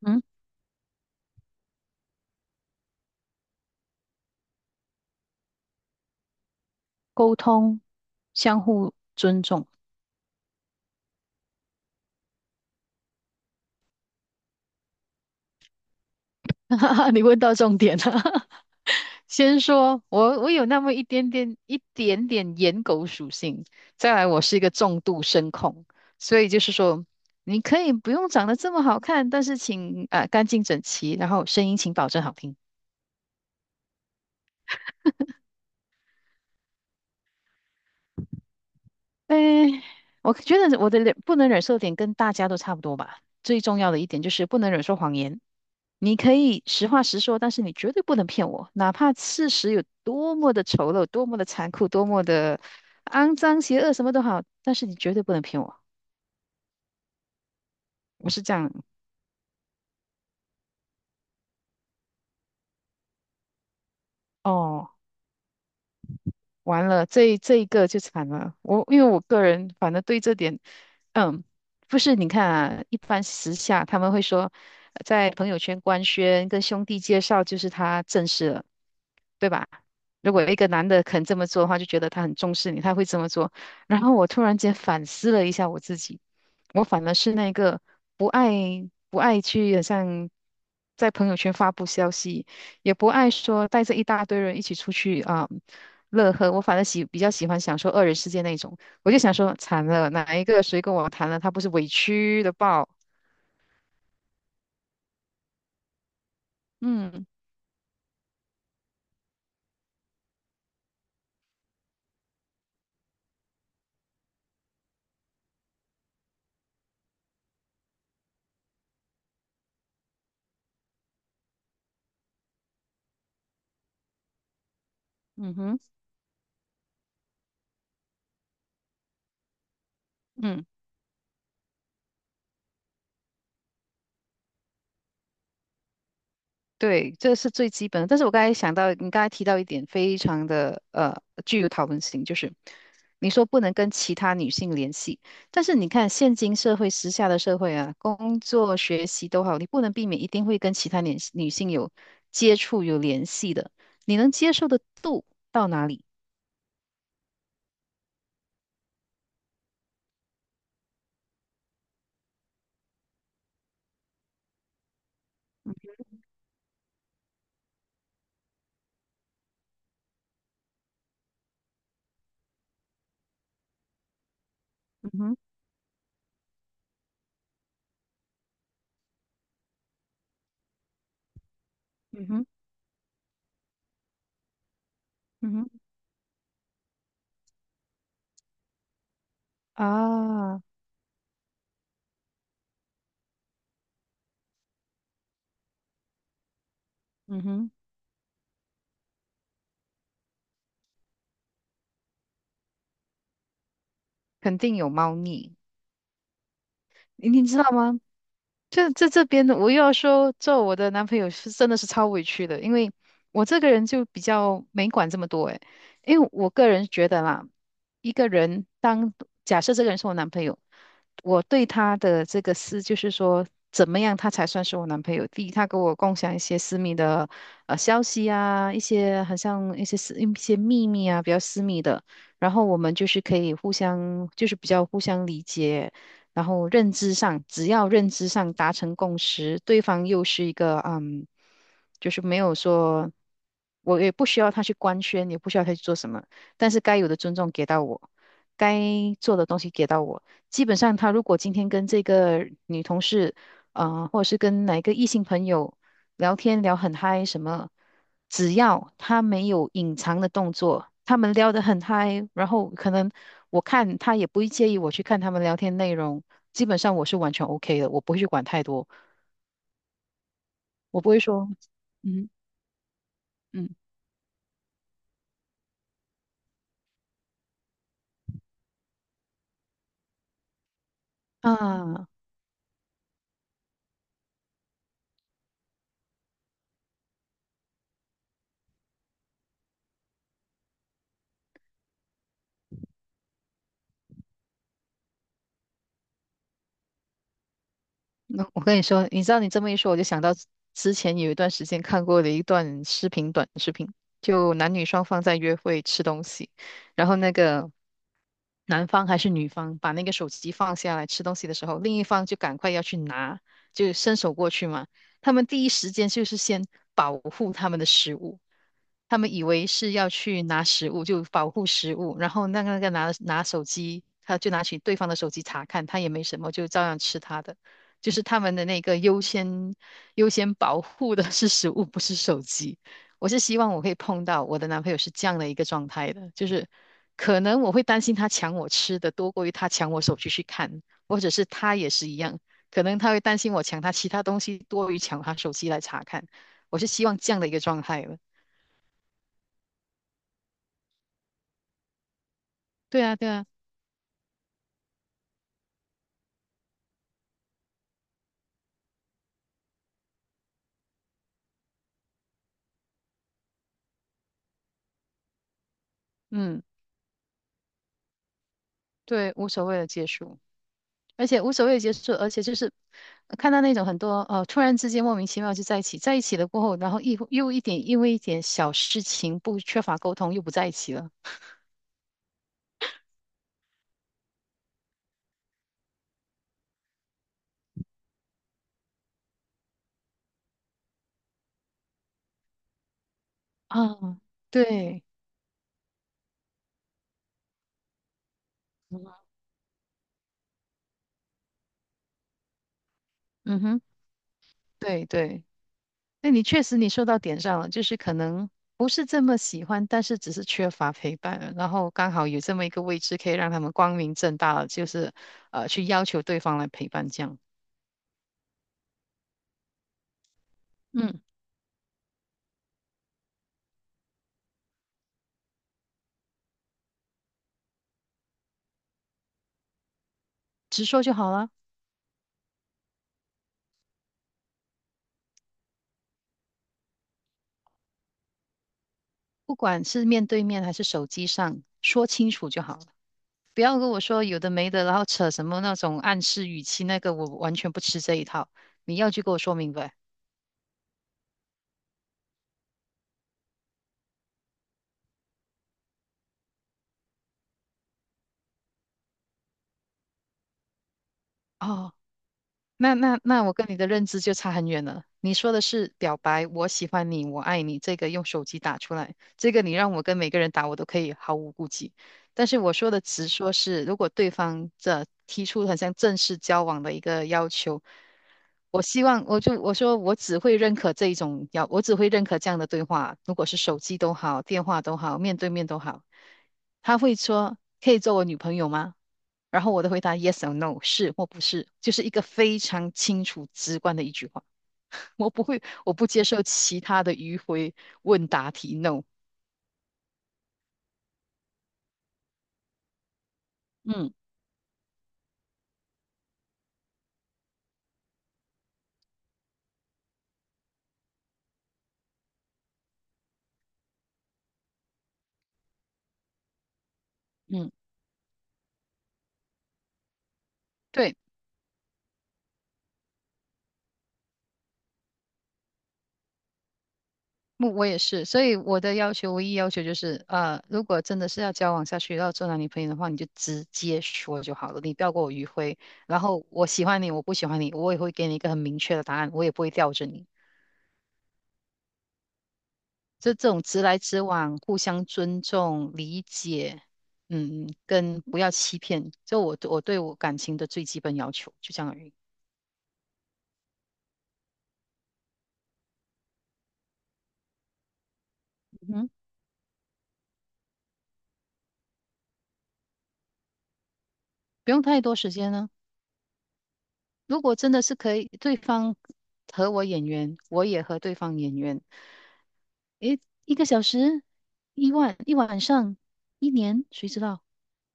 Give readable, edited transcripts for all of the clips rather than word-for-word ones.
嗯，沟通，相互尊重。你问到重点了。先说，我有那么一点点颜狗属性，再来我是一个重度声控，所以就是说，你可以不用长得这么好看，但是请啊干净整齐，然后声音请保证好听。诶，我觉得我的不能忍受的点跟大家都差不多吧。最重要的一点就是不能忍受谎言。你可以实话实说，但是你绝对不能骗我，哪怕事实有多么的丑陋、多么的残酷、多么的肮脏、邪恶，什么都好，但是你绝对不能骗我。我是这样。哦，完了，这一个就惨了。因为我个人反正对这点，嗯，不是你看啊，一般时下他们会说，在朋友圈官宣跟兄弟介绍，就是他正式了，对吧？如果有一个男的肯这么做的话，就觉得他很重视你，他会这么做。然后我突然间反思了一下我自己，我反而是那个不爱不爱去，好像在朋友圈发布消息。也不爱说带着一大堆人一起出去啊、乐呵。我反正比较喜欢享受二人世界那种。我就想说，惨了，哪一个谁跟我谈了，他不是委屈的爆？嗯。嗯哼。嗯。对，这是最基本的。但是我刚才想到，你刚才提到一点，非常的具有讨论性，就是你说不能跟其他女性联系，但是你看现今社会、时下的社会啊，工作、学习都好，你不能避免一定会跟其他女性有接触、有联系的。你能接受的度到哪里？嗯哼。嗯哼。嗯哼。啊。嗯哼。肯定有猫腻，你知道吗？这边的，我又要说，做我的男朋友是真的是超委屈的，因为我这个人就比较没管这么多诶，因为我个人觉得啦，一个人当假设这个人是我男朋友，我对他的这个就是说，怎么样他才算是我男朋友？第一，他跟我共享一些私密的消息啊，一些很像一些秘密啊，比较私密的，然后我们就是可以互相就是比较互相理解，然后认知上，只要认知上达成共识，对方又是一个就是没有说，我也不需要他去官宣，也不需要他去做什么，但是该有的尊重给到我，该做的东西给到我。基本上，他如果今天跟这个女同事，或者是跟哪一个异性朋友聊天聊很嗨，什么，只要他没有隐藏的动作，他们聊得很嗨，然后可能我看他也不会介意我去看他们聊天内容，基本上我是完全 OK 的，我不会去管太多，我不会说，嗯。嗯。啊。那我跟你说，你知道你这么一说，我就想到之前有一段时间看过的一段视频，短视频，就男女双方在约会吃东西，然后，男方还是女方把那个手机放下来吃东西的时候，另一方就赶快要去拿，就伸手过去嘛。他们第一时间就是先保护他们的食物，他们以为是要去拿食物，就保护食物，然后那个拿手机，他就拿起对方的手机查看，他也没什么，就照样吃他的。就是他们的那个优先保护的是食物，不是手机。我是希望我可以碰到我的男朋友是这样的一个状态的，就是可能我会担心他抢我吃的多过于他抢我手机去看，或者是他也是一样，可能他会担心我抢他其他东西多于抢他手机来查看。我是希望这样的一个状态了。对啊，对啊。嗯，对，无所谓的结束，而且无所谓的结束，而且就是看到那种很多突然之间莫名其妙就在一起，在一起了过后，然后又一点因为一点小事情不缺乏沟通又不在一起了。啊。对。嗯哼。对，对。那你确实你说到点上了，就是可能不是这么喜欢，但是只是缺乏陪伴，然后刚好有这么一个位置可以让他们光明正大的就是去要求对方来陪伴这样，嗯，直说就好了。不管是面对面还是手机上，说清楚就好了。不要跟我说有的没的，然后扯什么那种暗示语气，那个我完全不吃这一套。你要就给我说明白。哦，那我跟你的认知就差很远了。你说的是表白，我喜欢你，我爱你，这个用手机打出来，这个你让我跟每个人打，我都可以毫无顾忌。但是我说的直说是，如果对方提出很像正式交往的一个要求，我希望我就我说我只会认可这一种要，我只会认可这样的对话，如果是手机都好，电话都好，面对面都好，他会说可以做我女朋友吗？然后我的回答 yes or no 是或不是，就是一个非常清楚直观的一句话。我不会，我不接受其他的迂回问答题 no。嗯。嗯。对，我也是，所以我的唯一要求就是，如果真的是要交往下去，要做男女朋友的话，你就直接说就好了，你不要给我迂回。然后我喜欢你，我不喜欢你，我也会给你一个很明确的答案，我也不会吊着你。就这种直来直往、互相尊重、理解，跟不要欺骗，就我对我感情的最基本要求，就这样而已。嗯，不用太多时间呢。如果真的是可以，对方和我眼缘，我也和对方眼缘，诶，一个小时、一万、一晚上、一年，谁知道？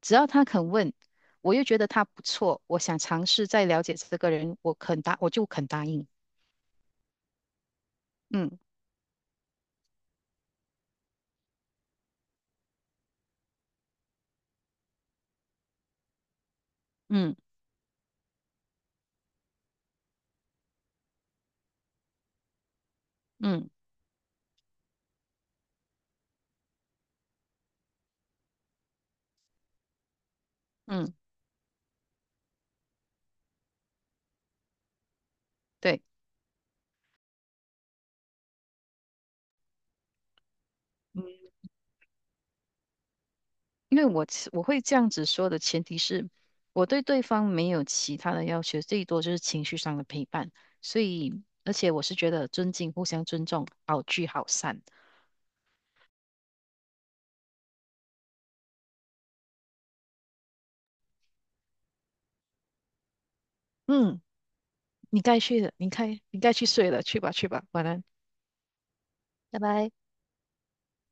只要他肯问，我又觉得他不错，我想尝试再了解这个人，我就肯答应。嗯。嗯。嗯。嗯。对，嗯，因为我会这样子说的前提是，我对对方没有其他的要求，最多就是情绪上的陪伴。所以，而且我是觉得尊敬、互相尊重，好聚好散。嗯，你该去的，你看你该去睡了，去吧去吧，晚安。拜拜。